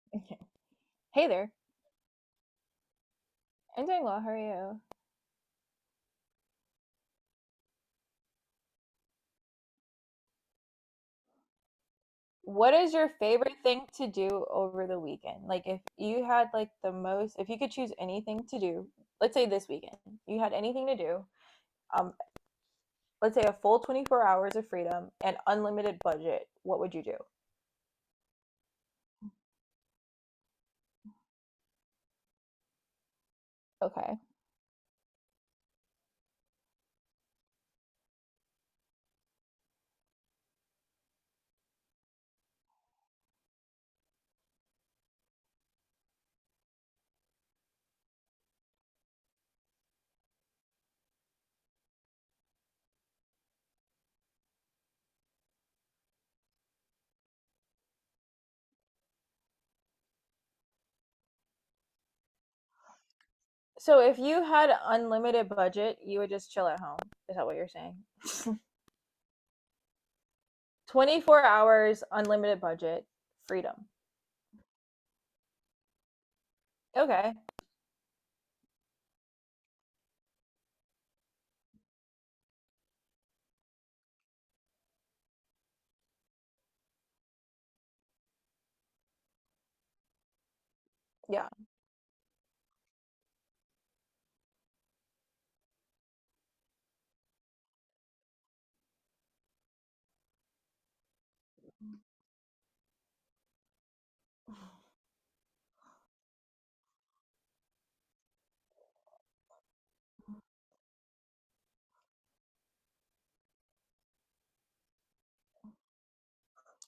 Okay. Hey there. I'm doing well. How are you? What is your favorite thing to do over the weekend? Like if you had like the most if you could choose anything to do, let's say this weekend, you had anything to do, um, let's say a full 24 hours of freedom and unlimited budget, what would you do? Okay. So if you had unlimited budget, you would just chill at home. Is that what you're saying? 24 hours, unlimited budget, freedom. Okay. Yeah.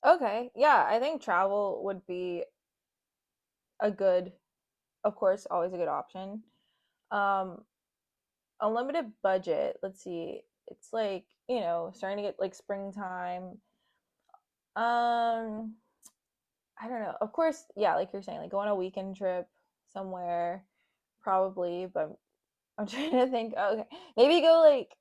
Okay. Yeah, I think travel would be a good of course, always a good option. Um, Unlimited budget, let's see. It's like, you know, starting to get like springtime. Um, I don't know. Of course, yeah, like you're saying, like go on a weekend trip somewhere, probably. But I'm trying to think. Okay, maybe go like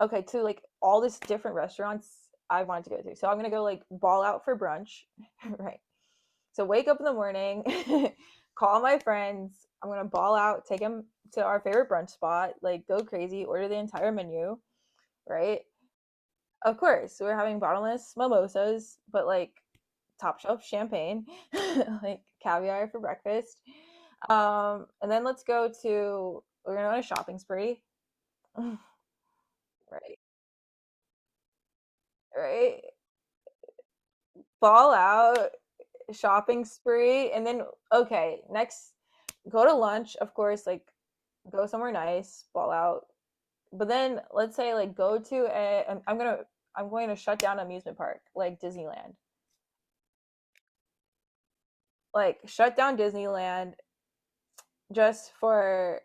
okay to like all this different restaurants I wanted to go to. So I'm gonna go like ball out for brunch, right? So wake up in the morning, call my friends. I'm gonna ball out, take them to our favorite brunch spot, like go crazy, order the entire menu, right? Of course, we're having bottomless mimosas, but like top shelf champagne, like caviar for breakfast. And then let's go to we're gonna go on a shopping spree, right? Right? Ball out, shopping spree, and then okay, next go to lunch of course, like go somewhere nice, ball out. But then let's say like go to a I'm gonna I'm going to shut down amusement park, like Disneyland. Like shut down Disneyland just for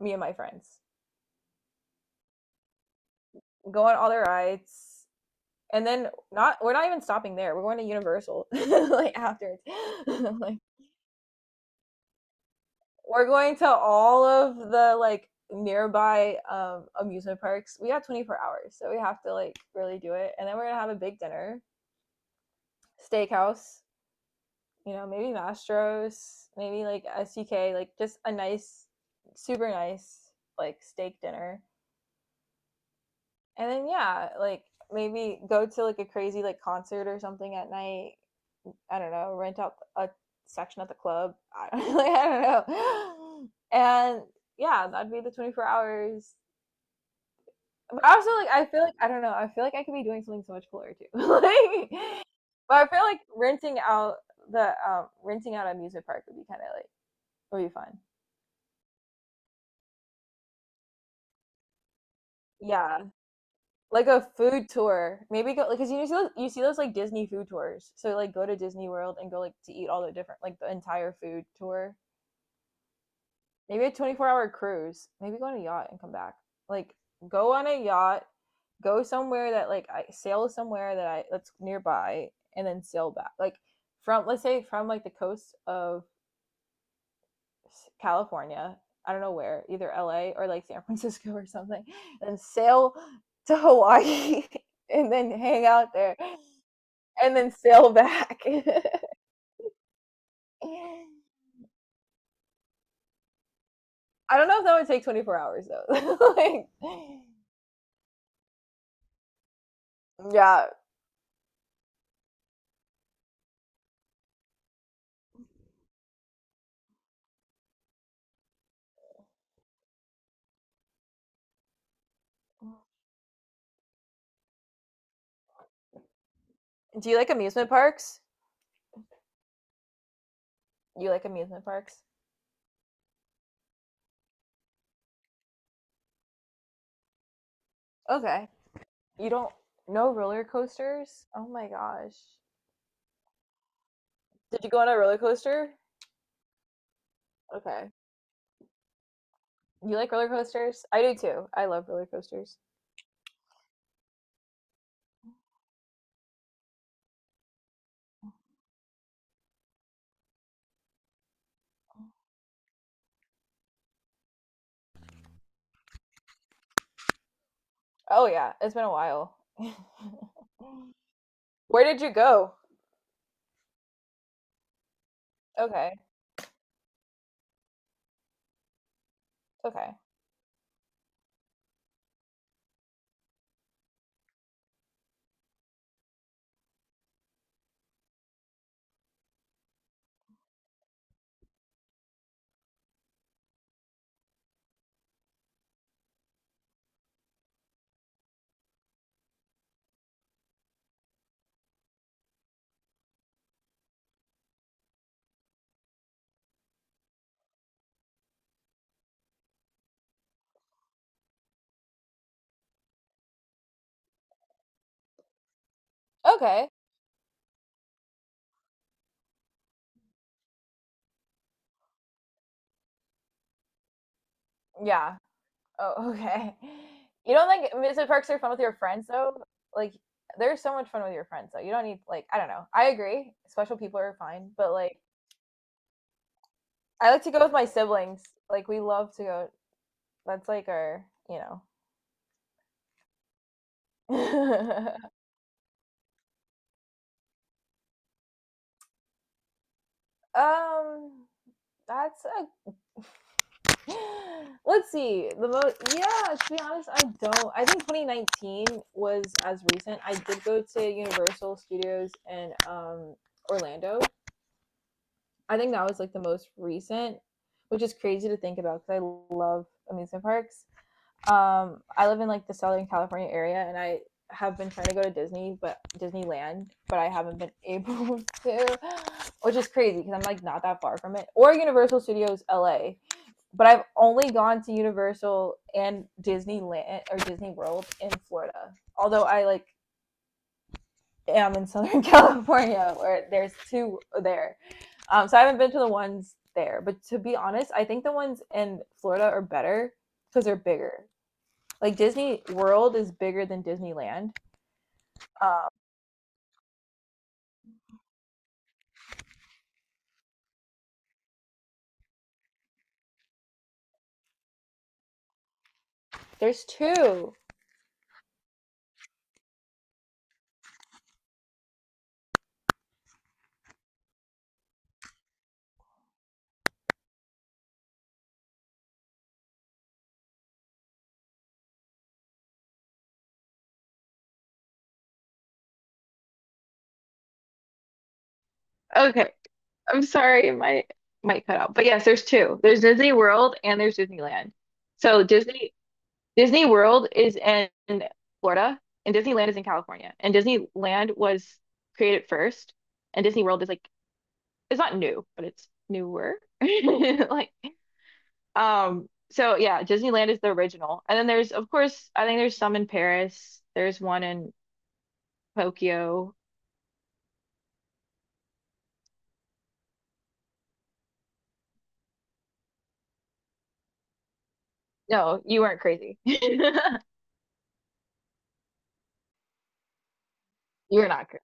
me and my friends, go on all the rides. And then not we're not even stopping there, we're going to Universal like after. Like we're going to all of the like nearby amusement parks. We got 24 hours, so we have to like really do it. And then we're gonna have a big dinner, steakhouse. You know, maybe Mastro's, maybe like SUK, like just a nice, super nice like steak dinner. And then yeah, like maybe go to like a crazy like concert or something at night. I don't know, rent out a section at the club. I don't, like, I don't know. And yeah, that'd be the 24 hours. But also, like, I feel like I don't know. I feel like I could be doing something so much cooler too. Like, but I feel like renting out the renting out an amusement park would be kind of like would be fun. Yeah, like a food tour. Maybe go like, because you see those, like Disney food tours. So like go to Disney World and go like to eat all the different, like the entire food tour. Maybe a 24-hour cruise. Maybe go on a yacht and come back. Like go on a yacht, go somewhere that like I sail somewhere that's nearby and then sail back. Like from, let's say from like the coast of California, I don't know where, either LA or like San Francisco or something, and sail to Hawaii and then hang out there and then sail back. I don't know if that would take 24 hours though. Like yeah. Do you like amusement parks? You like amusement parks? Okay. You don't know roller coasters? Oh my gosh. Did you go on a roller coaster? Okay. You like roller coasters? I do too. I love roller coasters. Oh yeah, it's been a while. Where did you go? Okay. Okay. Okay. Yeah. Oh, okay. You don't like amusement parks are fun with your friends though? Like there's so much fun with your friends though. You don't need like, I don't know. I agree. Special people are fine, but like, I like to go with my siblings. Like we love to go. That's like our, you know. um, that's a. Let's see. The most. Yeah, to be honest, I don't. I think 2019 was as recent. I did go to Universal Studios in Orlando. I think that was like the most recent, which is crazy to think about because I love amusement parks. I live in like the Southern California area, and I have been trying to go to Disney, but Disneyland, but I haven't been able to, which is crazy because I'm like not that far from it. Or Universal Studios LA, but I've only gone to Universal and Disneyland or Disney World in Florida. Although I like am in Southern California where there's two there. So I haven't been to the ones there. But to be honest, I think the ones in Florida are better because they're bigger. Like Disney World is bigger than Disneyland. Um, there's two. Okay. I'm sorry, it might cut out. But yes, there's two. There's Disney World and there's Disneyland. So Disney World is in Florida and Disneyland is in California. And Disneyland was created first and Disney World is like, it's not new, but it's newer. Like so yeah, Disneyland is the original. And then there's of course I think there's some in Paris. There's one in Tokyo. No, you weren't crazy. You were not crazy.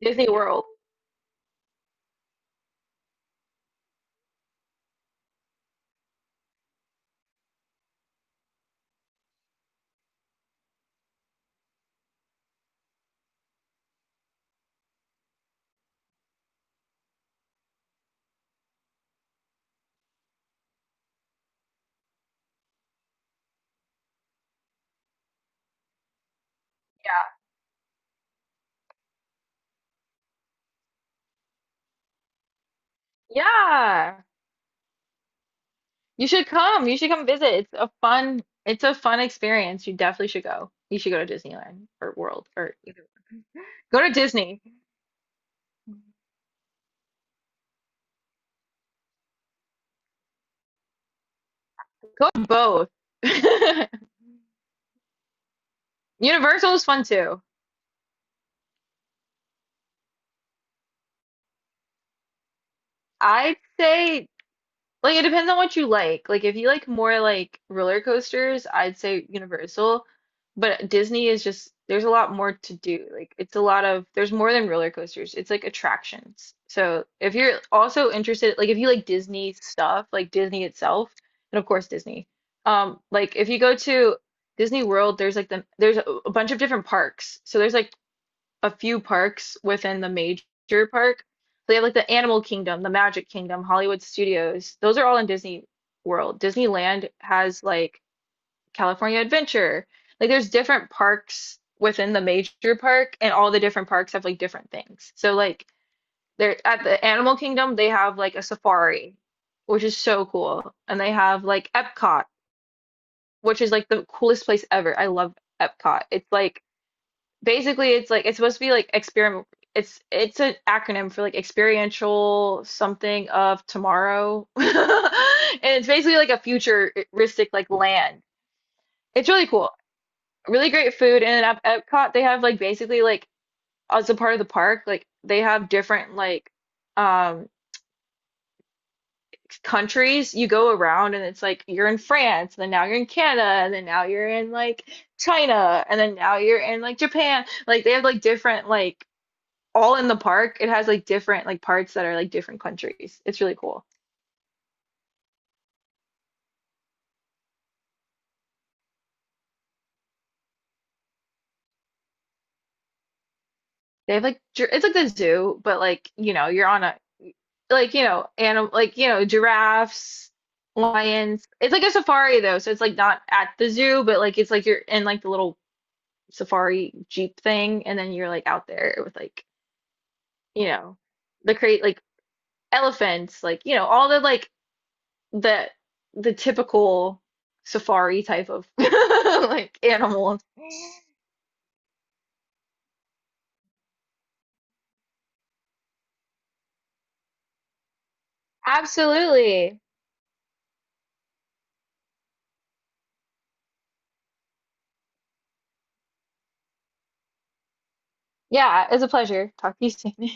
Disney World. Yeah. Yeah. You should come. You should come visit. It's a fun experience. You definitely should go. You should go to Disneyland or World or either. Go to Disney. Go to both. Universal is fun too. I'd say, like it depends on what you like. Like if you like more like roller coasters, I'd say Universal, but Disney is just there's a lot more to do. Like it's a lot of there's more than roller coasters. It's like attractions. So if you're also interested, like if you like Disney stuff, like Disney itself, and of course Disney. Like if you go to Disney World, there's like there's a bunch of different parks. So there's like a few parks within the major park. They have like the Animal Kingdom, the Magic Kingdom, Hollywood Studios. Those are all in Disney World. Disneyland has like California Adventure. Like there's different parks within the major park, and all the different parks have like different things. So like they're at the Animal Kingdom, they have like a safari, which is so cool. And they have like Epcot, which is like the coolest place ever. I love Epcot. It's like basically it's like it's supposed to be like experiment, it's an acronym for like experiential something of tomorrow, and it's basically like a futuristic like land, it's really cool, really great food. And at Epcot they have like basically like as a part of the park, like they have different like um countries you go around, and it's like you're in France and then now you're in Canada and then now you're in like China and then now you're in like Japan. Like they have like different like all in the park. It has like different like parts that are like different countries. It's really cool. They have like it's like the zoo, but like you know you're on a like you know animal, like you know, giraffes, lions. It's like a safari though, so it's like not at the zoo, but like it's like you're in like the little safari jeep thing, and then you're like out there with like you know the crate like elephants, like you know all the like the the typical safari type of like animals. Absolutely. Yeah, it's a pleasure. Talk to you soon.